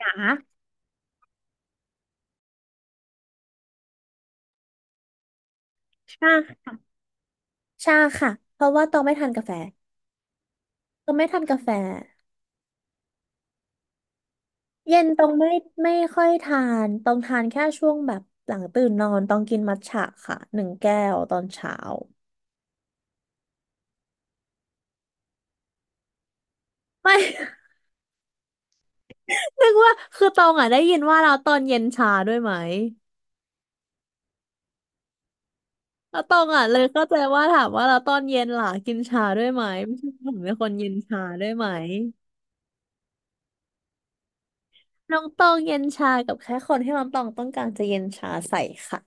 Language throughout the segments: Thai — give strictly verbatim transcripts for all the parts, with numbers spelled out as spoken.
อ่ะชาชาค่ะเพราะว่าตองไม่ทานกาแฟตองไม่ทานกาแฟเย็นตองไม่ไม่ค่อยทานตองทานแค่ช่วงแบบหลังตื่นนอนตองกินมัทฉะค่ะหนึ่งแก้วตอนเช้าไม่ นึกว่าคือตองอ่ะได้ยินว่าเราตอนเย็นชาด้วยไหมแล้วตองอ่ะเลยเข้าใจว่าถามว่าเราตอนเย็นล่ะกินชาด้วยไหมไม่ใช่ผมเป็นคนเย็นชาด้วยไหมน้องตองเย็นชากับแค่คนที่น้องตองต้องการจะเย็นชาใส่ค่ะ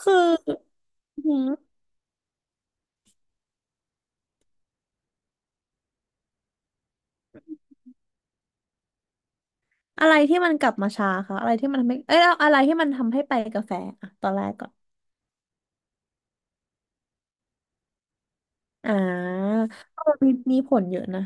คือ อะไรที่มันกลับมาช้าคะอะไรที่มันทำให้เอ้ยเอาอะไรที่มันทำให้ไปกาแฟอะตอนแรกก่อนอ่าเออมีมีผลเยอะนะ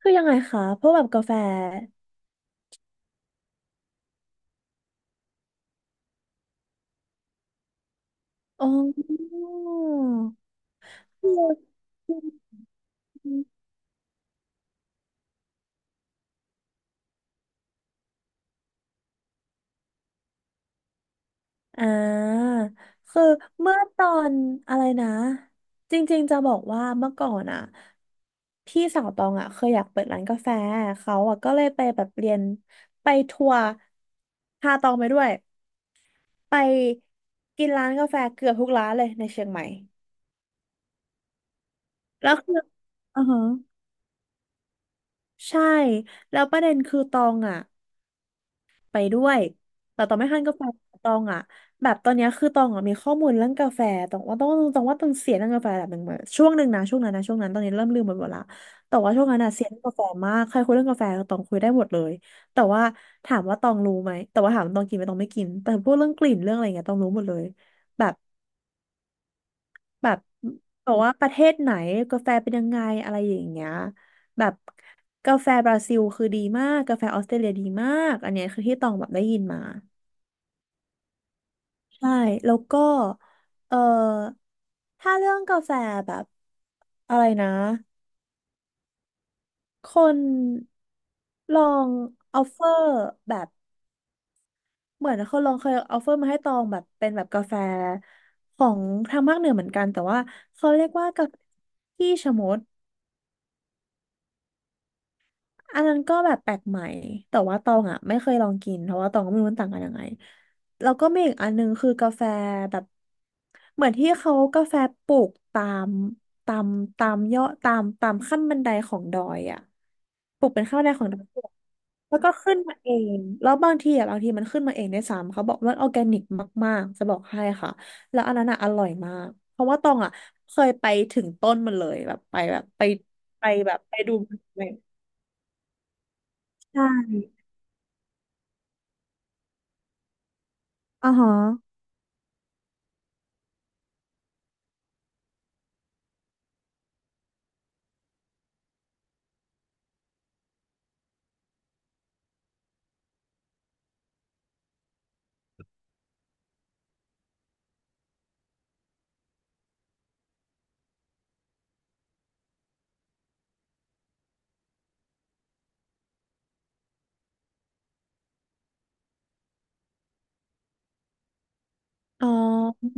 คือยังไงคะเพราะแบบกาแฟอ๋อ อ่าคือเมื่อตอนอะไรนะจริงๆจะบอกว่าเมื่อก่อนอะพี่สาวตองอะเคยอยากเปิดร้านกาแฟเขาอะก็เลยไปแบบเรียนไปทัวร์พาตองไปด้วย ไปกินร้านกาแฟเกือบทุกร้านเลยในเชียงใหม่แล้วคืออือฮะใช่แล้วประเด็นคือตองอ่ะไปด้วยแต่ตองไม่ทานกาแฟตองอ่ะแบบตอนเนี้ยคือตองอ่ะมีข้อมูลเรื่องกาแฟตองว่าต้องตองว่าตองเสียเรื่องกาแฟแบบหนึ่งเหมือนช่วงหนึ่งนะช่วงนั้นนะช่วงนั้นตอนนี้เริ่มลืมหมดหมดละแต่ว่าช่วงนั้นอ่ะเสียเรื่องกาแฟมากใครคุยเรื่องกาแฟตองคุยได้หมดเลยแต่ว่าถามว่าตองรู้ไหมแต่ว่าถามว่าตองกินไหมตองไม่กินแต่พวกเรื่องกลิ่นเรื่องอะไรเงี้ยตองรู้หมดเลยแบบ แบบบอกว่าประเทศไหนกาแฟเป็นยังไงอะไรอย่างเงี้ยแบบกาแฟบราซิลคือดีมากกาแฟออสเตรเลียดีมากอันเนี้ยคือที่ตองแบบได้ยินมาใช่แล้วก็เออถ้าเรื่องกาแฟแบบอะไรนะคนลองออฟเฟอร์แบบเหมือนคนลองเคยออฟเฟอร์มาให้ตองแบบเป็นแบบกาแฟของทางภาคเหนือเหมือนกันแต่ว่าเขาเรียกว่ากาแฟขี้ชะมด อันนั้นก็แบบแปลกใหม่แต่ว่าตองอ่ะไม่เคยลองกินเพราะว่าตองก็ไม่รู้มันต่างกันยังไงแล้วก็มีอีกอันนึงคือกาแฟแบบเหมือนที่เขากาแฟปลูกตามตามตามยอดตามตามขั้นบันไดของดอยอ่ะปลูกเป็นขั้นบันไดของดอยแล้วก็ขึ้นมาเองแล้วบางทีอ่ะบางทีมันขึ้นมาเองได้วยซ้ำเขาบอกว่าออร์แกนิกมากๆจะบอกให้ค่ะแล้วอันนั้นอ่ะอร่อยมากเพราะว่าตองอ่ะเคยไปถึงต้นมันเลยแบบไปแบบไปไปแบบไปดูมันเลยใช่ อ๋อฮะอ๋อ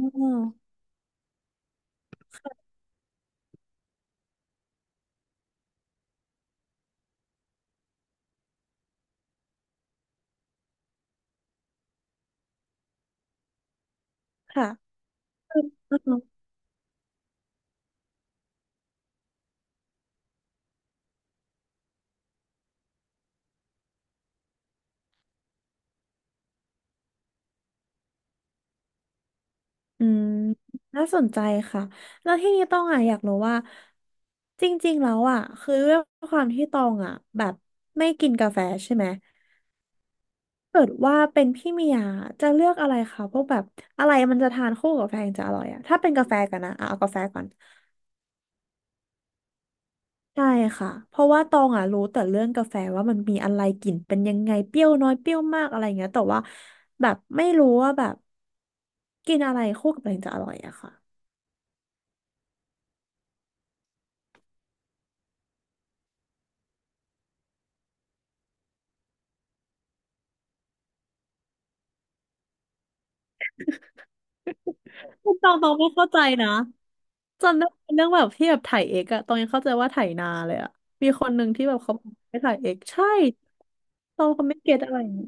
ค่ะอืมอืมอืมน่าสนใจค่ะ แล้วที่นี้ต้องอ่ะอยากรู้ว่า จริงๆ แล้วอ่ะคือเรื่องความที่ตองอ่ะแบบไม่กินกาแฟใช่ไหมเกิดว่าเป็นพี่เมียจะเลือกอะไรคะพวกแบบอะไรมันจะทานคู่กับกาแฟจะอร่อยอ่ะถ้าเป็นกาแฟกันนะอ่ะเอากาแฟก่อน ใช่ค่ะเพราะว่าตองอ่ะรู้แต่เรื่องกาแฟว่ามันมีอะไรกลิ่นเป็นยังไงเปรี้ยวน้อยเปรี้ยวมากอะไรเงี้ยแต่ว่าแบบไม่รู้ว่าแบบกินอะไรคู่กับอะไรถึงจะอร่อยอะค่ะ คุณตองตองไม่เข้าใจนะจำได้เป็นเรื่องแบบที่แบบถ่ายเอกอะตองยังเข้าใจว่าถ่ายนาเลยอะมีคนหนึ่งที่แบบเขาไปถ่ายเอกใช่ตองเขาไม่เก็ตอะไรอย่างงี้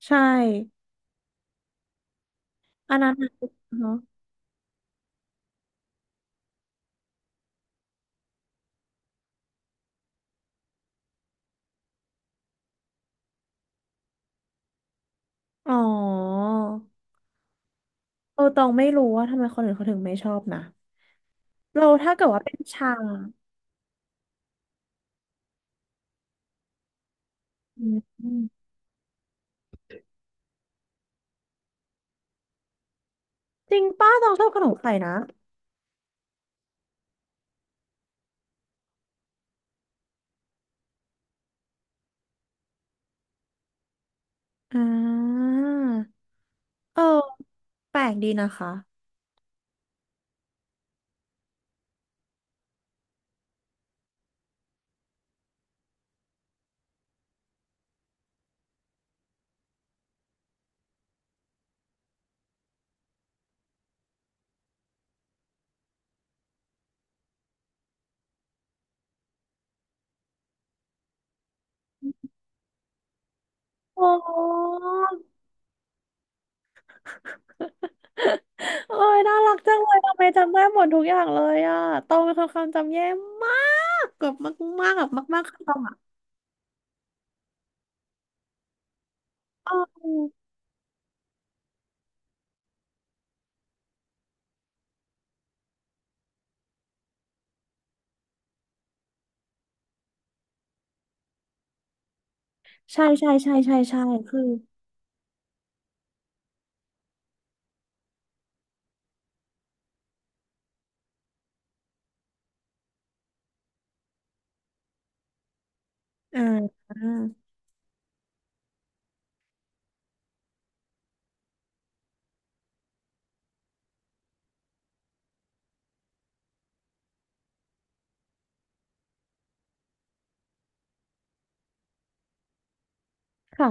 ใช่อันนั้นอะเนาะอ๋อเออตองไม่รู้ว่าทำไมคนอื่นเขาถึงไม่ชอบนะเราถ้าเกิดว่าเป็นชา อืมจริงป้าต้องชอบขนมไข่นะอ่าเออแปลกดีนะคะโอ้ เอ้ยน่ารักจังเลยทำไมจำได้หมดทุกอย่างเลยอ่ะตองเป็นคนความจำแย่มากกับมากมากกับมากมากๆต้องอ่ะเออใช่ใช่ใช่ใช่ใช่คืออ่าค่ะ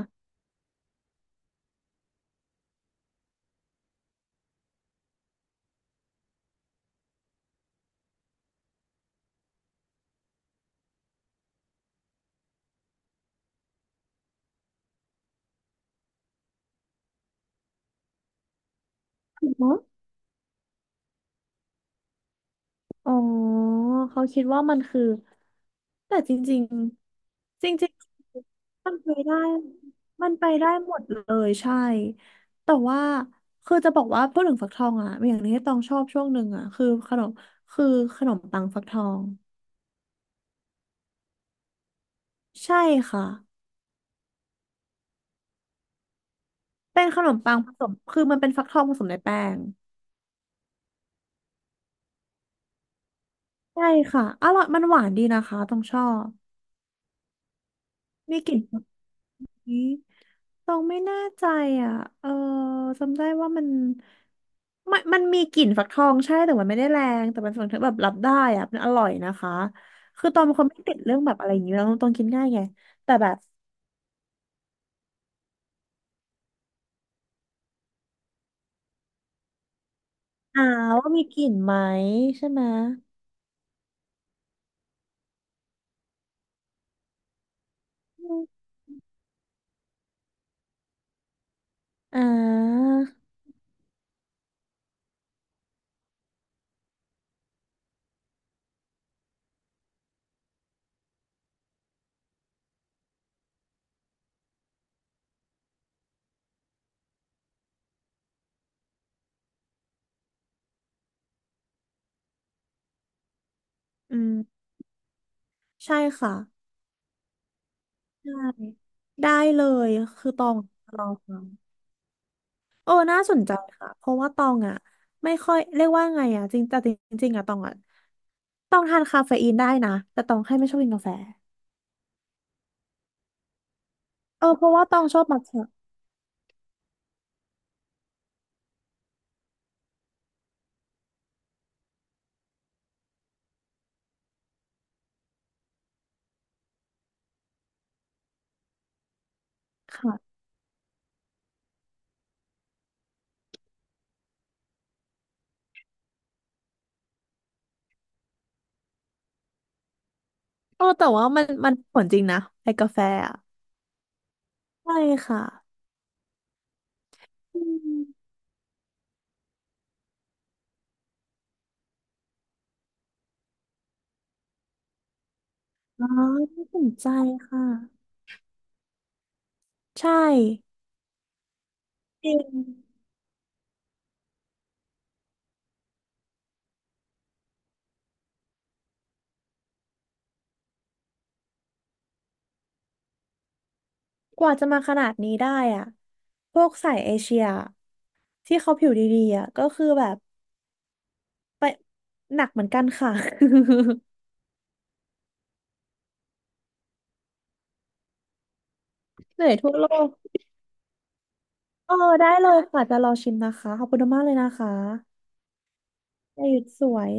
อ๋อเขาคิดว่ามันคือแต่จริงๆจริงๆมันไปได้มันไปได้หมดเลยใช่แต่ว่าคือจะบอกว่าพูดถึงฟักทองอะอย่างหนึงที่ต้องชอบช่วงหนึ่งอะคือขนมคือขนมปังฟักทองใช่ค่ะเป็นขนมปังผสมคือมันเป็นฟักทองผสมในแป้งใช่ค่ะอร่อยมันหวานดีนะคะต้องชอบมีกลิ่น ต้องไม่แน่ใจอ่ะเออจำได้ว่ามันมันมันมีกลิ่นฟักทองใช่แต่มันไม่ได้แรง แต่มันฟังถึงแบบรับได้อ่ะมันอร่อยนะคะ คือตองเป็นคนไม่ติดเรื่องแบบอะไรอย่างนี้ยแล้วตองกินง่ายไง แต่แบบอ่าว่ามีกลิ่นไหมใช่ไหมอืมอ่าอืมใช่ค่ะใช่ได้เลยคือตองลองฟัง เออน่าสนใจค่ะเพราะว่าตองอ่ะไม่ค่อยเรียกว่าไงอ่ะจริงแต่จริงๆอ่ะตองอ่ะตองทานคาเฟอีนได้นะแต่ตองแค่ไม่ชอบกินกาแฟเออเพราะว่าตองชอบมัทฉะค่ะเออแต่ว่ามันมันผลจริงนะไอ้กาแฟอ่ะใช่ค่ะอืมอ๋อน่าสนใจค่ะใช่จริงกว่าจะมาขนาดนี้ได้อ่ะพวกสายเอเชียที่เขาผิวดีๆอ่ะก็คือแบบไปหนักเหมือนกันค่ะ เหนื่อยทั่วโลก เออได้เลยค่ะจะรอชิมนะคะขอบคุณมากเลยนะคะได้หยุดสวย